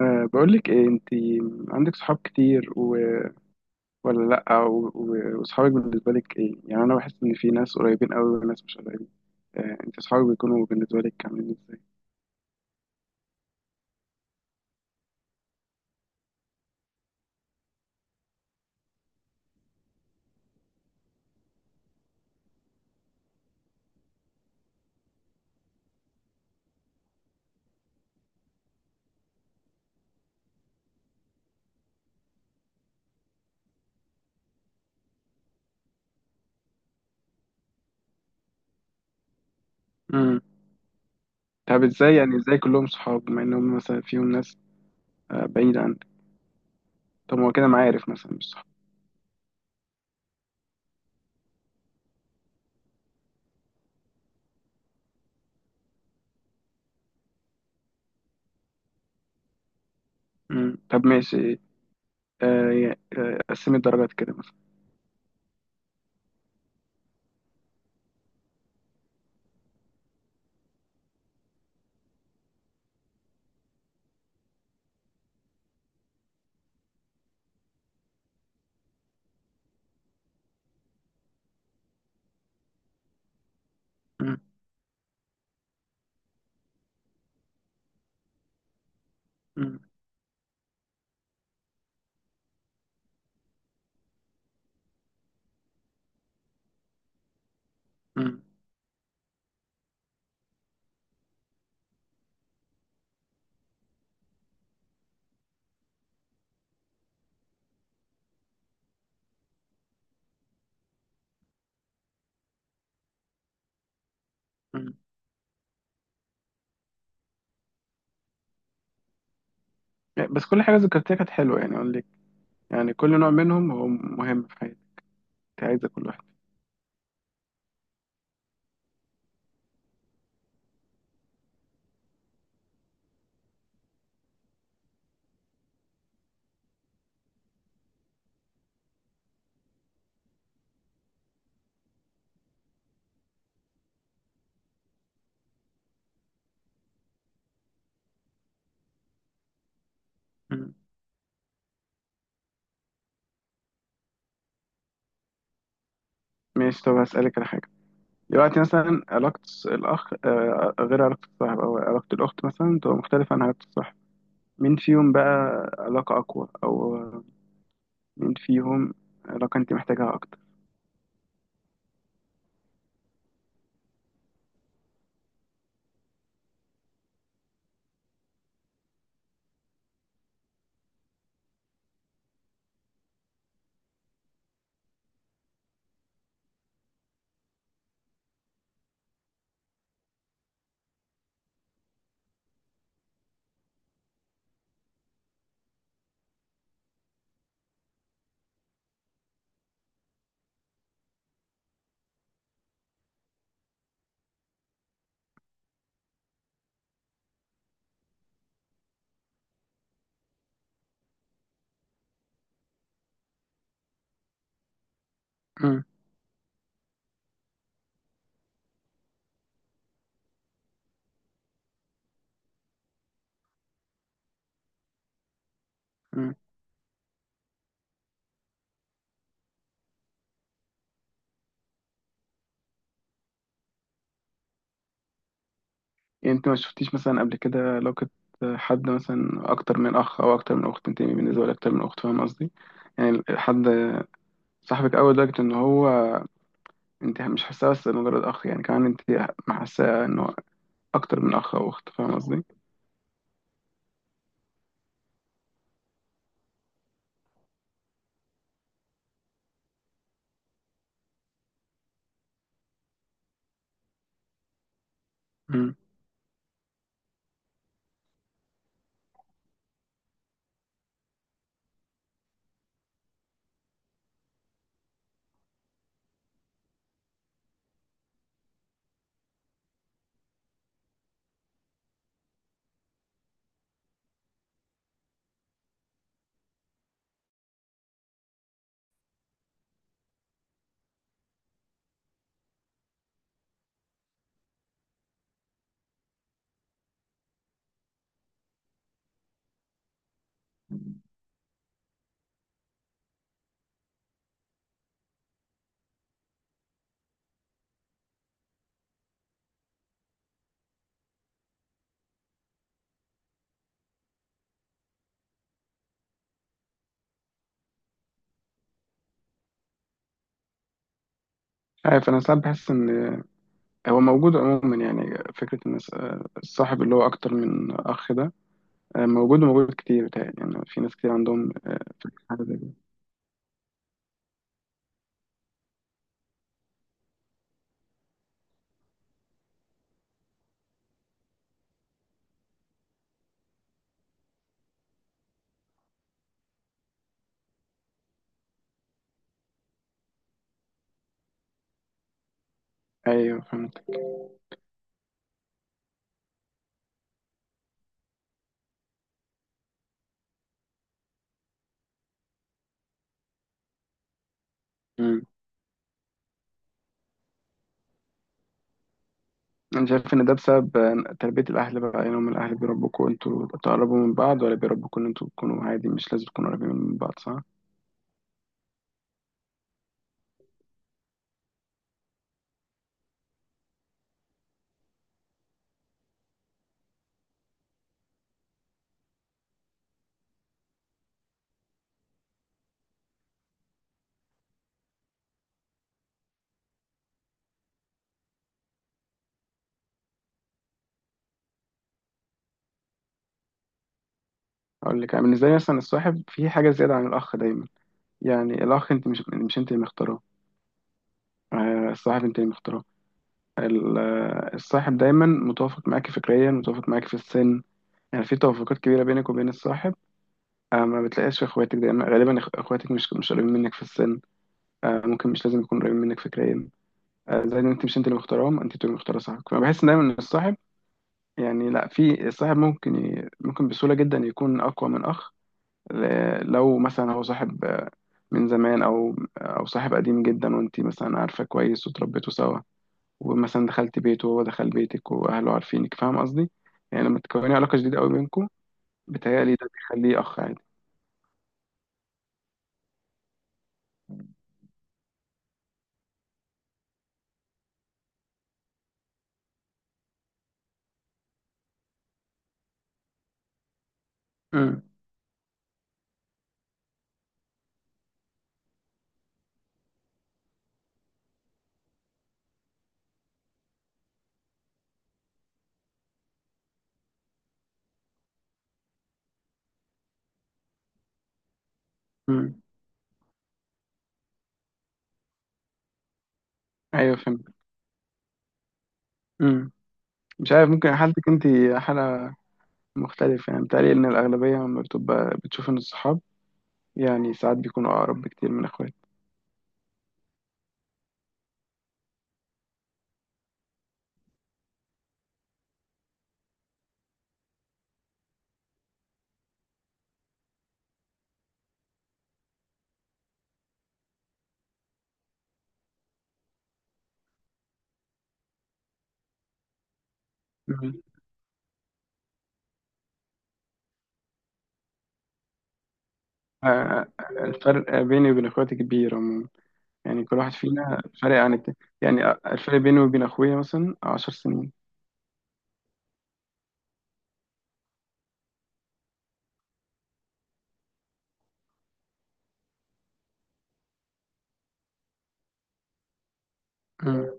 أه بقول لك ايه انت عندك صحاب كتير و... ولا لا و... و... وصحابك بالنسبه لك ايه؟ يعني انا بحس ان في ناس قريبين قوي وناس مش قريبين. أه انت صحابك بيكونوا بالنسبه لك عاملين ازاي؟ امم طب ازاي؟ يعني ازاي كلهم صحاب بما انهم مثلا فيهم ناس أه بعيده عنك؟ طب ما هو كده معارف مثلا، مش صحاب. طب ماشي. أه يا- قسمي الدرجات كده مثلا. امم امم امم أمم. يعني بس كل حاجه ذكرتها كانت حلوه، يعني اقول لك، يعني كل نوع منهم هو مهم في حياتي. عايزه كل واحد. ماشي، طب هسألك على حاجة. دلوقتي مثلا علاقة الأخ غير علاقة الصاحب، أو علاقة الأخت مثلا تبقى مختلفة عن علاقة الصاحب. مين فيهم بقى علاقة أقوى؟ أو مين فيهم علاقة أنت محتاجها أكتر؟ مم. مم. يعني أنت ما شفتيش مثلا قبل كده علاقة حد مثلا أكتر من أخ أو أكتر من أخت؟ أنت بالنسبة لك أكتر من أخت، فاهم قصدي؟ يعني حد صاحبك أوي لدرجة إن هو أنت مش حاساه بس مجرد أخ، يعني كمان أنت حاساه إنه أكتر من أخ أو أخت، فاهم قصدي؟ عارف انا ساعات بحس ان هو موجود عموما. يعني فكره ان الس- الصاحب اللي هو اكتر من اخ ده موجود وموجود كتير، بتهيألي. يعني في ناس كتير عندهم فكرة حاجه زي كده. ايوه فهمت. مم. انا شايف ان ده بسبب تربيه الاهل بقى. يعني هم الاهل بيربوكوا انتوا تقربوا من بعض، ولا بيربوكوا ان انتوا تكونوا عادي، مش لازم تكونوا قريبين من بعض؟ صح، اقول لك. يعني بالنسبه لي مثلا الصاحب في حاجه زياده عن الاخ دايما. يعني الاخ انت مش انت اللي مختاره، الصاحب انت اللي مختاره. ال- الصاحب دايما متوافق معاك فكريا، متوافق معاك في السن. يعني في توافقات كبيرة بينك وبين الصاحب ما بتلاقيهاش في اخواتك دايما. غالبا إخ- اخواتك مش قريبين منك في السن ممكن. مش لازم يكونوا قريبين منك فكريا زائد ان انت مش انت اللي مختارهم، انت اللي مختار صاحبك. فانا بحس إن دايما ان الصاحب، يعني لا، في الصاحب ممكن ي... ممكن بسهولة جدا يكون اقوى من اخ. ل- لو مثلا هو صاحب من زمان، او صاحب قديم جدا وانت مثلا عارفة كويس وتربيتوا سوا ومثلا دخلت بيته وهو دخل بيتك واهله عارفينك، فاهم قصدي؟ يعني لما تكوني علاقه جديده قوي بينكم، بتهيألي ده بيخليه اخ عادي. امم امم ايوه فهمت. امم مش عارف، ممكن حالتك انت حاله مختلفه. يعني بتهيألي ان الاغلبيه لما بتبقى بتشوف ان الصحاب، يعني ساعات بيكونوا اقرب بكتير من اخوات. مم. آه، الفرق بيني وبين اخواتي كبير عموما. يعني كل واحد فينا فرق عن التاني. يعني آه، الفرق بيني وبين اخويا مثلا 10 سنين. مم.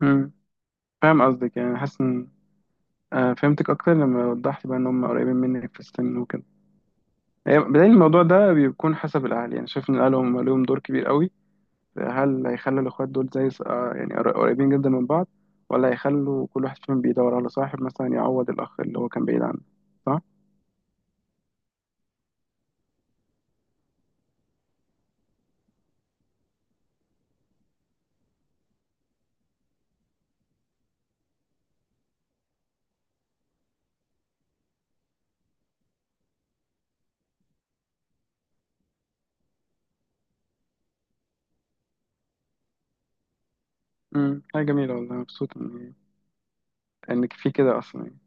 مم. فاهم قصدك. يعني حاسس ان فهمتك اكتر لما وضحت بقى ان هم قريبين منك في السن وكده. هي بداية الموضوع ده بيكون حسب الاهل. يعني شايف ان الاهل هم لهم دور كبير قوي. هل هيخلوا الاخوات دول زي آه، يعني قر- قريبين جدا من بعض، ولا هيخلوا كل واحد فيهم بيدور على صاحب مثلا يعوض الاخ اللي هو كان بعيد عنه؟ صح؟ حاجه جميله والله. مبسوط ان انك في كده اصلا، يعني.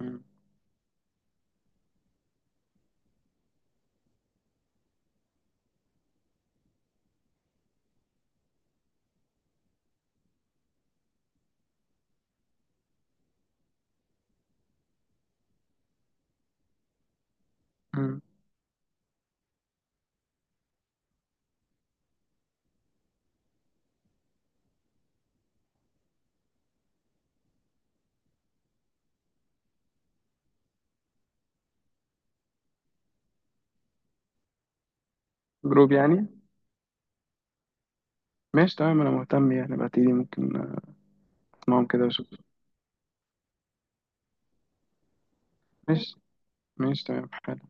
مم. مم. جروب يعني؟ ماشي تمام، انا مهتم، يعني بعتيلي ممكن اسمعهم كده واشوف. ماشي ماشي تمام، حلو.